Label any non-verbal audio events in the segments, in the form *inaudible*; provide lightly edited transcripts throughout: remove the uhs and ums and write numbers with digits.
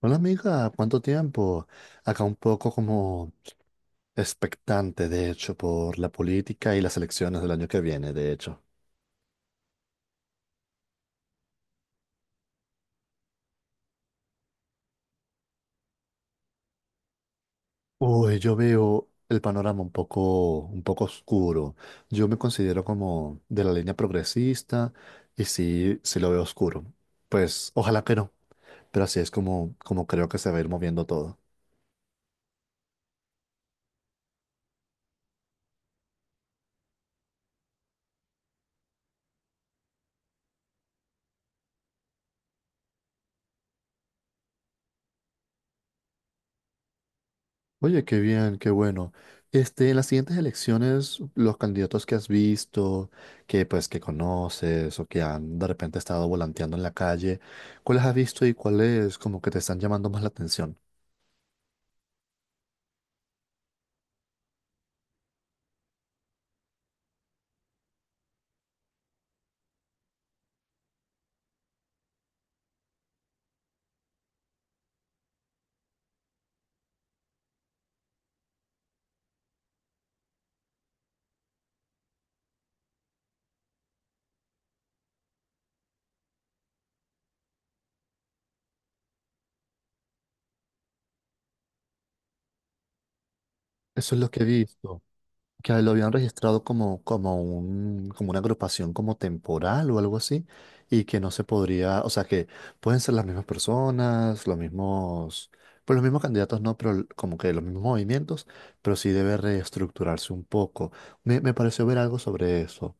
Hola amiga, ¿cuánto tiempo? Acá un poco como expectante, de hecho, por la política y las elecciones del año que viene, de hecho. Uy, yo veo el panorama un poco oscuro. Yo me considero como de la línea progresista y sí lo veo oscuro. Pues ojalá que no, pero así es como creo que se va a ir moviendo todo. Oye, qué bien, qué bueno. Este, en las siguientes elecciones, los candidatos que has visto, que pues que conoces o que han de repente estado volanteando en la calle, ¿cuáles has visto y cuáles como que te están llamando más la atención? Eso es lo que he visto, que lo habían registrado como una agrupación como temporal o algo así, y que no se podría, o sea que pueden ser las mismas personas, los mismos, pues los mismos candidatos no, pero como que los mismos movimientos, pero sí debe reestructurarse un poco. Me pareció ver algo sobre eso.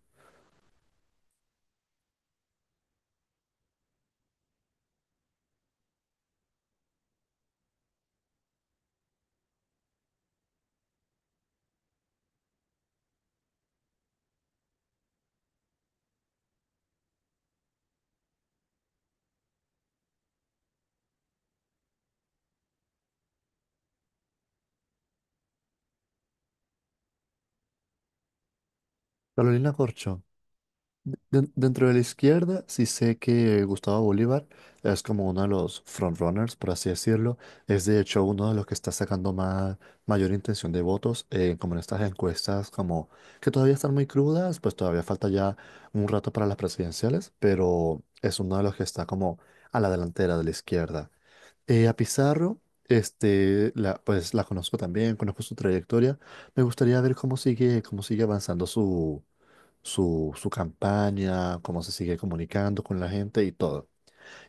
Carolina Corcho. Dentro de la izquierda, sí sé que Gustavo Bolívar es como uno de los frontrunners, por así decirlo. Es de hecho uno de los que está sacando más, mayor intención de votos, como en estas encuestas, como que todavía están muy crudas, pues todavía falta ya un rato para las presidenciales, pero es uno de los que está como a la delantera de la izquierda. A Pizarro, este, la, pues la conozco también, conozco su trayectoria. Me gustaría ver cómo sigue avanzando su campaña, cómo se sigue comunicando con la gente y todo.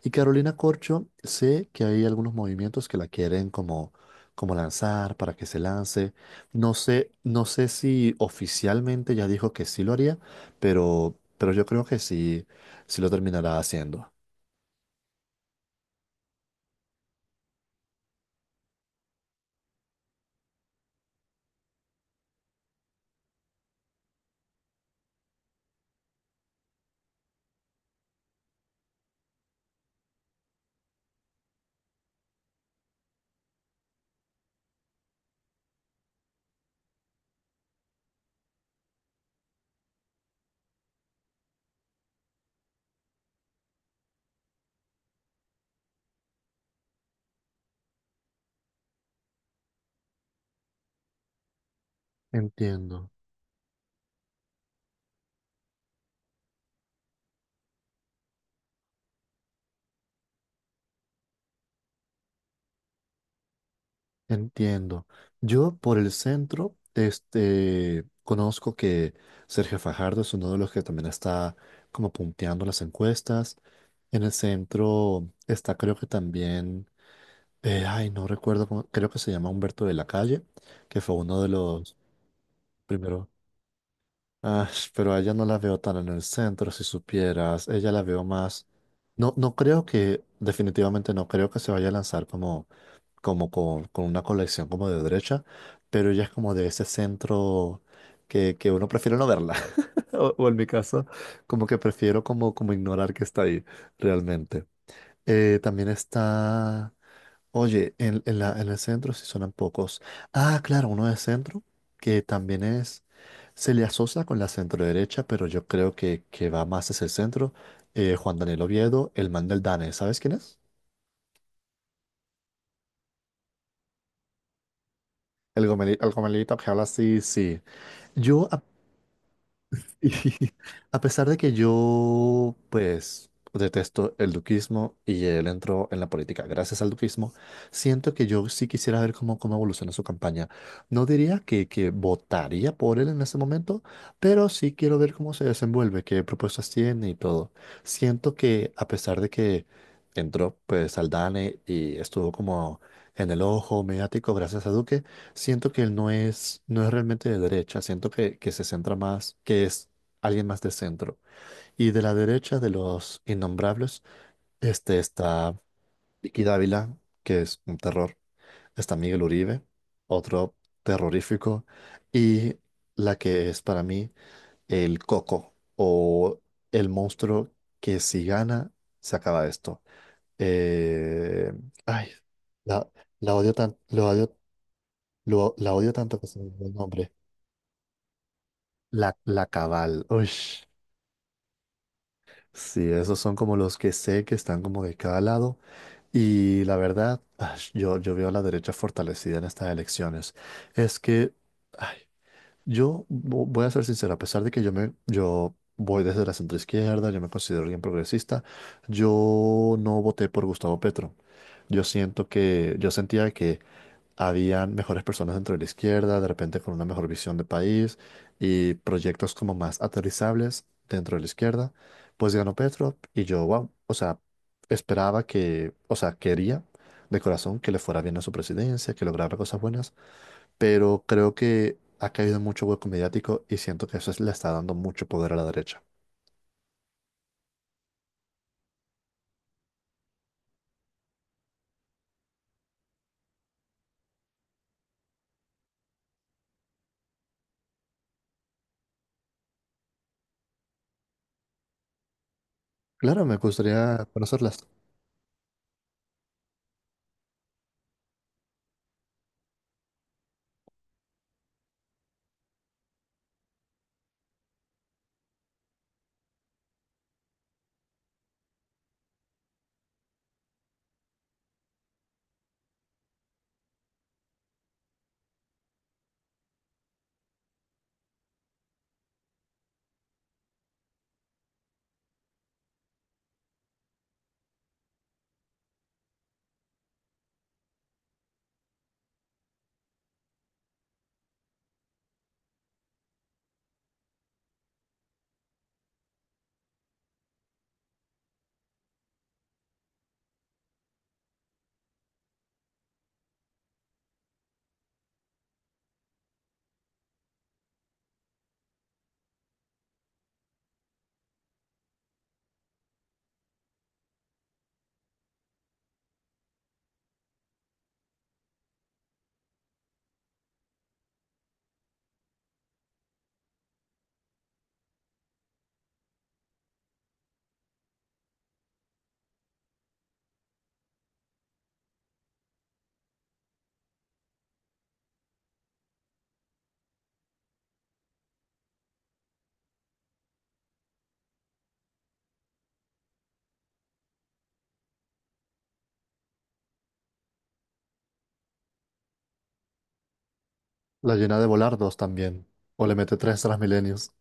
Y Carolina Corcho, sé que hay algunos movimientos que la quieren como, como lanzar para que se lance. No sé, no sé si oficialmente ya dijo que sí lo haría, pero yo creo que sí lo terminará haciendo. Entiendo. Entiendo. Yo por el centro, este, conozco que Sergio Fajardo es uno de los que también está como punteando las encuestas. En el centro está creo que también, no recuerdo cómo, creo que se llama Humberto de la Calle, que fue uno de los primeros. Ah, *laughs* pero a ella no la veo tan en el centro, si supieras. Ella la veo más. No, no creo que, definitivamente no creo que se vaya a lanzar como con una colección como de derecha, pero ella es como de ese centro que uno prefiere no verla, *laughs* o en mi caso, como que prefiero como, como ignorar que está ahí realmente. También está, oye, en el centro sí suenan pocos. Ah, claro, uno de centro, que también es, se le asocia con la centro derecha, pero yo creo que va más hacia el centro. Juan Daniel Oviedo, el man del Dane, ¿sabes quién es? El gomelito, el gomelito que habla así, sí. Yo, a Y *laughs* A pesar de que yo, pues, detesto el duquismo y él entró en la política gracias al duquismo, siento que yo sí quisiera ver cómo, cómo evoluciona su campaña. No diría que votaría por él en ese momento, pero sí quiero ver cómo se desenvuelve, qué propuestas tiene y todo. Siento que a pesar de que entró, pues, Aldane y estuvo como en el ojo mediático gracias a Duque, siento que él no es, no es realmente de derecha, siento que se centra más, que es alguien más de centro. Y de la derecha de los innombrables, este está Vicky Dávila, que es un terror. Está Miguel Uribe, otro terrorífico. Y la que es para mí el coco o el monstruo que si gana, se acaba esto. Eh, ay, la, la odio tan, lo odio, la odio tanto que se me olvidó el nombre. La, la Cabal. Uy. Sí, esos son como los que sé que están como de cada lado. Y la verdad, yo veo a la derecha fortalecida en estas elecciones. Es que, ay, voy a ser sincero, a pesar de que yo voy desde la centroizquierda, yo me considero alguien progresista, yo no voté por Gustavo Petro. Yo siento que, yo sentía que habían mejores personas dentro de la izquierda, de repente con una mejor visión de país y proyectos como más aterrizables dentro de la izquierda, pues ganó Petro y yo, wow, o sea, esperaba que, o sea, quería de corazón que le fuera bien a su presidencia, que lograra cosas buenas, pero creo que ha caído en mucho hueco mediático y siento que le está dando mucho poder a la derecha. Claro, me gustaría conocerlas. La llena de volardos también, o le mete tres milenios.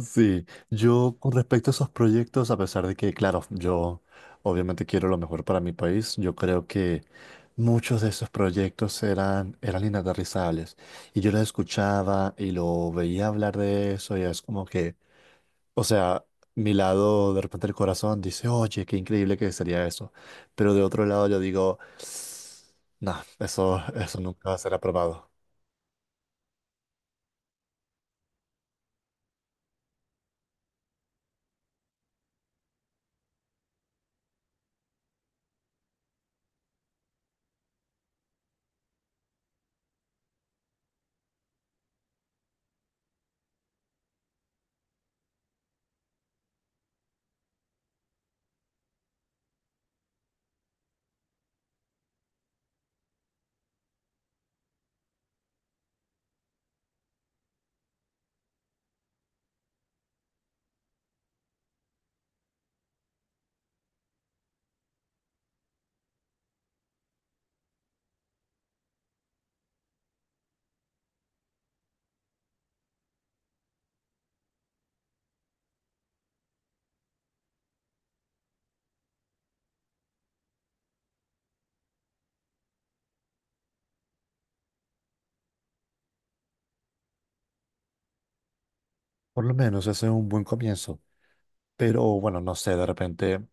Sí, yo con respecto a esos proyectos, a pesar de que, claro, yo obviamente quiero lo mejor para mi país, yo creo que muchos de esos proyectos eran inaterrizables. Y yo los escuchaba y lo veía hablar de eso y es como que, o sea, mi lado de repente el corazón dice, oye, qué increíble que sería eso. Pero de otro lado yo digo, no, eso nunca será aprobado. Por lo menos ese es un buen comienzo. Pero bueno, no sé, de repente,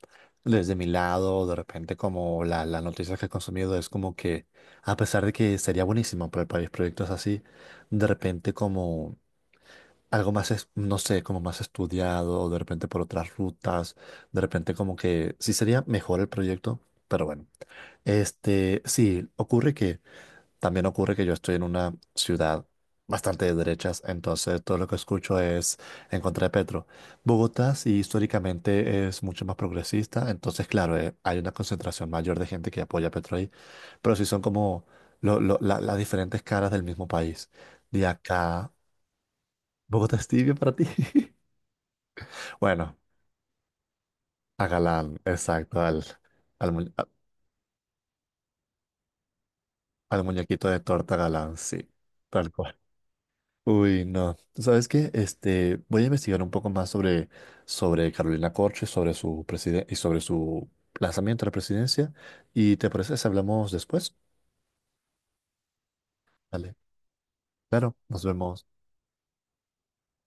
desde mi lado, de repente como la noticia que he consumido es como que, a pesar de que sería buenísimo para el país proyectos así, de repente como algo más, no sé, como más estudiado, o de repente por otras rutas, de repente como que sí sería mejor el proyecto, pero bueno. Este, sí, ocurre que también ocurre que yo estoy en una ciudad bastante de derechas, entonces todo lo que escucho es en contra de Petro. Bogotá sí históricamente es mucho más progresista, entonces claro, hay una concentración mayor de gente que apoya a Petro ahí, pero sí son como las diferentes caras del mismo país. De acá, Bogotá es tibio para ti. *laughs* Bueno, a Galán, exacto, al, mu- al muñequito de torta Galán, sí, tal cual. Uy, no. ¿Sabes qué? Este, voy a investigar un poco más sobre, sobre Carolina Corche, sobre y sobre su lanzamiento a la presidencia. ¿Y te parece si hablamos después? Vale, claro, nos vemos.